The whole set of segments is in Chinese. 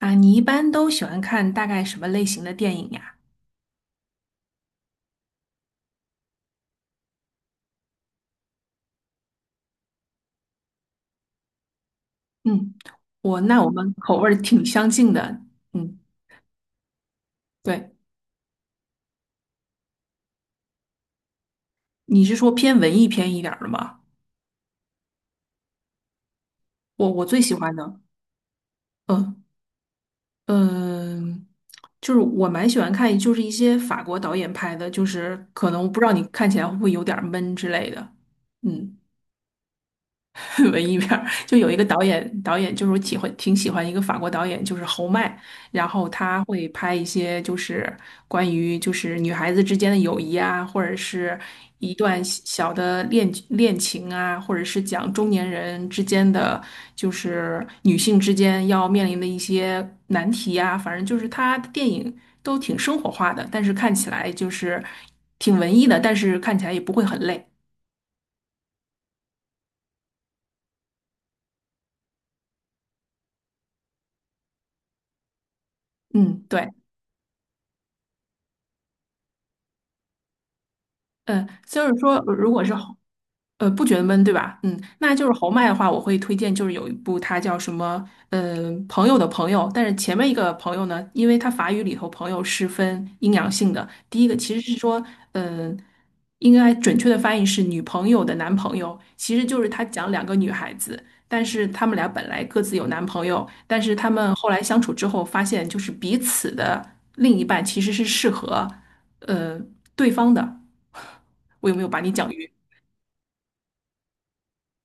啊，你一般都喜欢看大概什么类型的电影呀？嗯，我们口味儿挺相近的。嗯，对，你是说偏文艺片一点儿的吗？我最喜欢的，嗯嗯，就是我蛮喜欢看，就是一些法国导演拍的，就是可能不知道你看起来会不会有点儿闷之类的。嗯。文艺片儿，就有一个导演，导演就是我喜欢挺喜欢一个法国导演，就是侯麦，然后他会拍一些就是关于就是女孩子之间的友谊啊，或者是一段小小的恋情啊，或者是讲中年人之间的就是女性之间要面临的一些难题啊，反正就是他的电影都挺生活化的，但是看起来就是挺文艺的，但是看起来也不会很累。嗯，对。嗯，就是说，如果是侯不觉得闷，对吧？嗯，那就是侯麦的话，我会推荐，就是有一部它叫什么，朋友的朋友。但是前面一个朋友呢，因为它法语里头朋友是分阴阳性的，第一个其实是说，嗯、呃应该准确的翻译是女朋友的男朋友，其实就是他讲两个女孩子，但是他们俩本来各自有男朋友，但是他们后来相处之后发现，就是彼此的另一半其实是适合，呃，对方的。我有没有把你讲晕？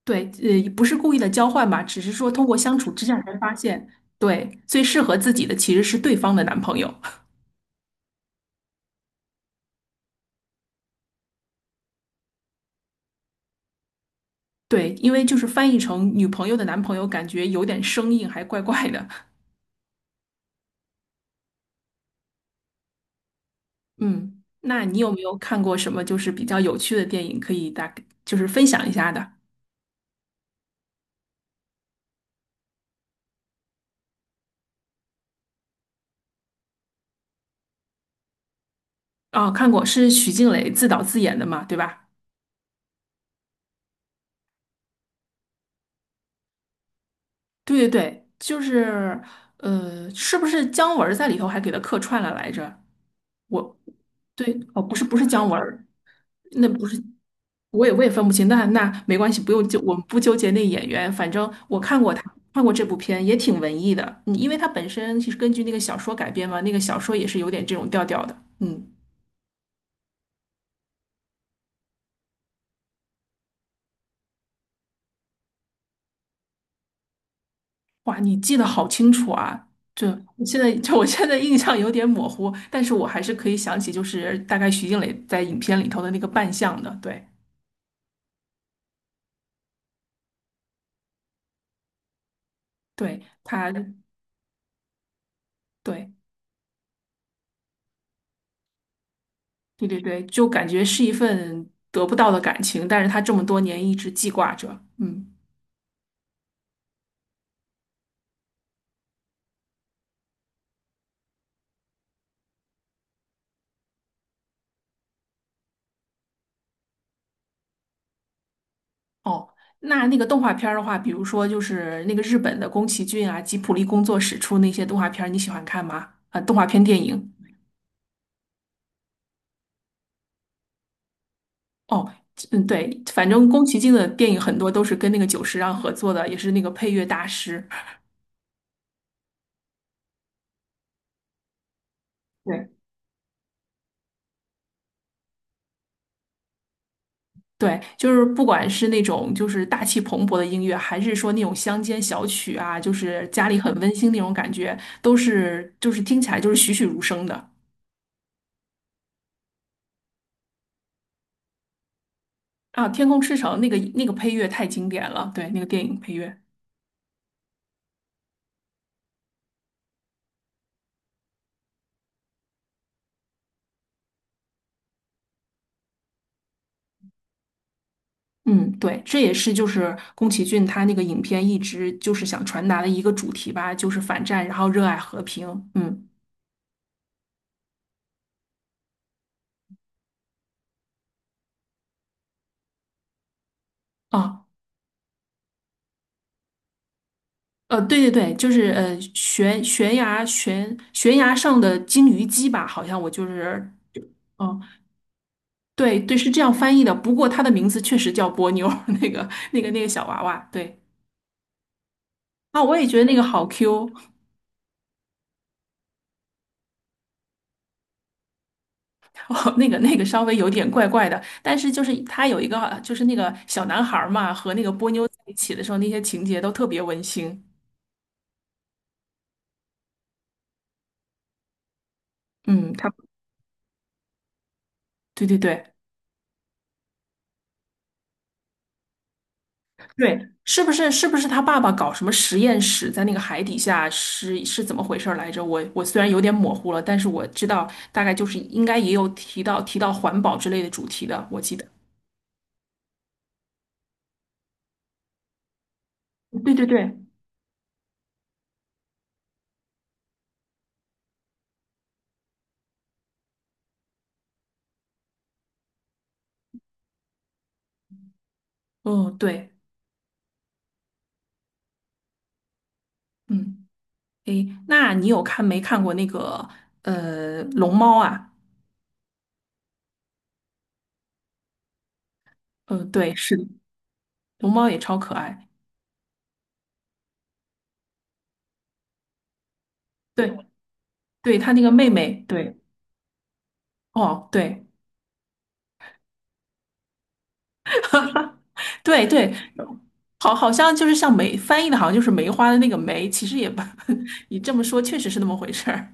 对，不是故意的交换吧，只是说通过相处之下才发现，对，最适合自己的其实是对方的男朋友。对，因为就是翻译成女朋友的男朋友，感觉有点生硬，还怪怪的。嗯，那你有没有看过什么就是比较有趣的电影，可以大概就是分享一下的？啊，看过，是许静蕾自导自演的嘛，对吧？对对对，就是是不是姜文儿在里头还给他客串了来着？我对，哦，不是姜文儿那不是，我也分不清。那那没关系，不用纠，我们不纠结那演员。反正我看过他，看过这部片，也挺文艺的。嗯，因为他本身其实根据那个小说改编嘛，那个小说也是有点这种调调的。嗯，哇，你记得好清楚啊！就就我现在印象有点模糊，但是我还是可以想起，就是大概徐静蕾在影片里头的那个扮相的。对，对，他，对，对对对，就感觉是一份得不到的感情，但是他这么多年一直记挂着。嗯。哦，那那个动画片儿的话，比如说就是那个日本的宫崎骏啊、吉卜力工作室出那些动画片儿，你喜欢看吗？啊，动画片电影。哦，嗯，对，反正宫崎骏的电影很多都是跟那个久石让合作的，也是那个配乐大师。对对，就是不管是那种就是大气磅礴的音乐，还是说那种乡间小曲啊，就是家里很温馨那种感觉，都是就是听起来就是栩栩如生的啊。《天空之城》那个配乐太经典了，对，那个电影配乐。嗯，对，这也是就是宫崎骏他那个影片一直就是想传达的一个主题吧，就是反战，然后热爱和平。嗯，哦，对对对，就是悬崖上的金鱼姬吧，好像我就是，哦，对对，是这样翻译的。不过它的名字确实叫波妞儿 那个小娃娃。对啊，我也觉得那个好 Q。哦，那个稍微有点怪怪的，但是就是他有一个就是那个小男孩儿嘛，和那个波妞在一起的时候，那些情节都特别温馨。嗯，他对对对对，是不是他爸爸搞什么实验室在那个海底下是怎么回事儿来着？我虽然有点模糊了，但是我知道大概就是应该也有提到环保之类的主题的，我记得。对对对，哦对，嗯，诶，那你有看没看过那个龙猫啊？嗯，对，是龙猫也超可爱，对对，它那个妹妹，对，哦，对对对，好，好像就是像梅翻译的，好像就是梅花的那个梅，其实也不，你这么说确实是那么回事儿。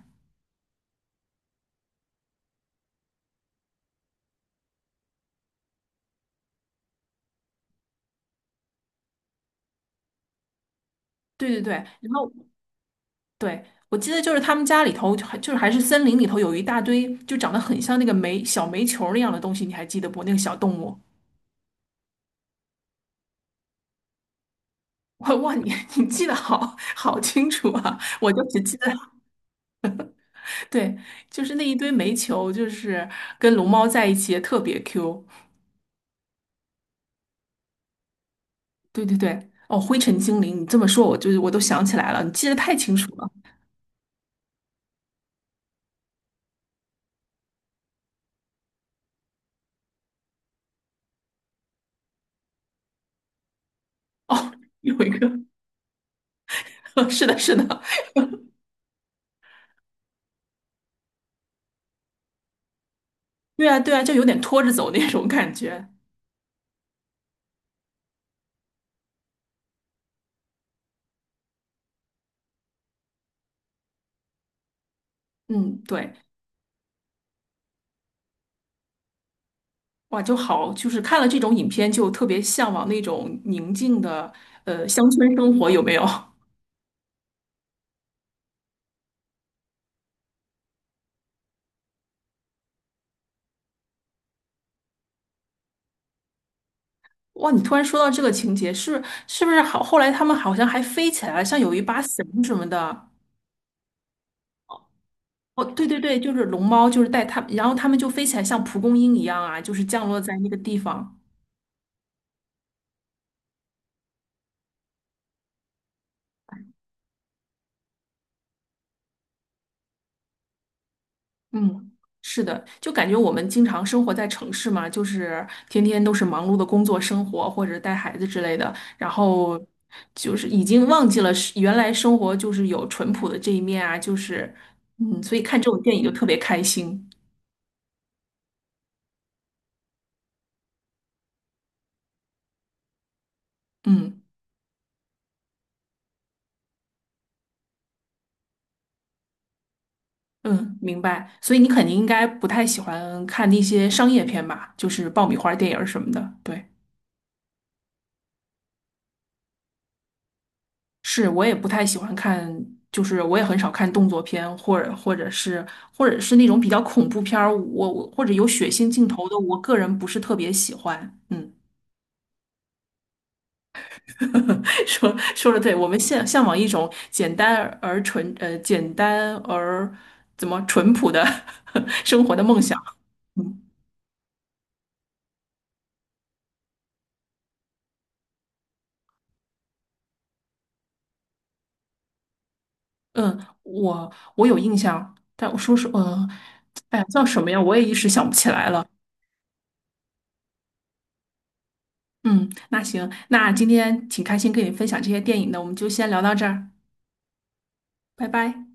对对对，然后对我记得就是他们家里头就就是还是森林里头有一大堆就长得很像那个小煤球儿那样的东西，你还记得不？那个小动物。哇哇，你 你记得好清楚啊！我就只记得，对，就是那一堆煤球，就是跟龙猫在一起也特别 Q。对对对，哦，《灰尘精灵》，你这么说，我就是我都想起来了，你记得太清楚了。哦，有一个，是的，是的，对啊，对啊，就有点拖着走那种感觉。嗯，对，哇，就好，就是看了这种影片，就特别向往那种宁静的乡村生活，有没有？哇，你突然说到这个情节，是不是好？后来他们好像还飞起来了，像有一把伞什么的。哦，对对对，就是龙猫，就是带他，然后他们就飞起来，像蒲公英一样啊，就是降落在那个地方。嗯，是的，就感觉我们经常生活在城市嘛，就是天天都是忙碌的工作、生活或者带孩子之类的，然后就是已经忘记了是原来生活就是有淳朴的这一面啊，就是嗯，所以看这种电影就特别开心。嗯嗯，明白。所以你肯定应该不太喜欢看那些商业片吧，就是爆米花电影儿什么的。对。是我也不太喜欢看，就是我也很少看动作片，或者或者是那种比较恐怖片儿，我或者有血腥镜头的，我个人不是特别喜欢。嗯，说的对，我们向往一种简单而怎么淳朴的 生活的梦想。嗯嗯，我有印象，但我说是，哎呀叫什么呀？我也一时想不起来了。嗯，那行，那今天挺开心跟你分享这些电影的，我们就先聊到这儿，拜拜。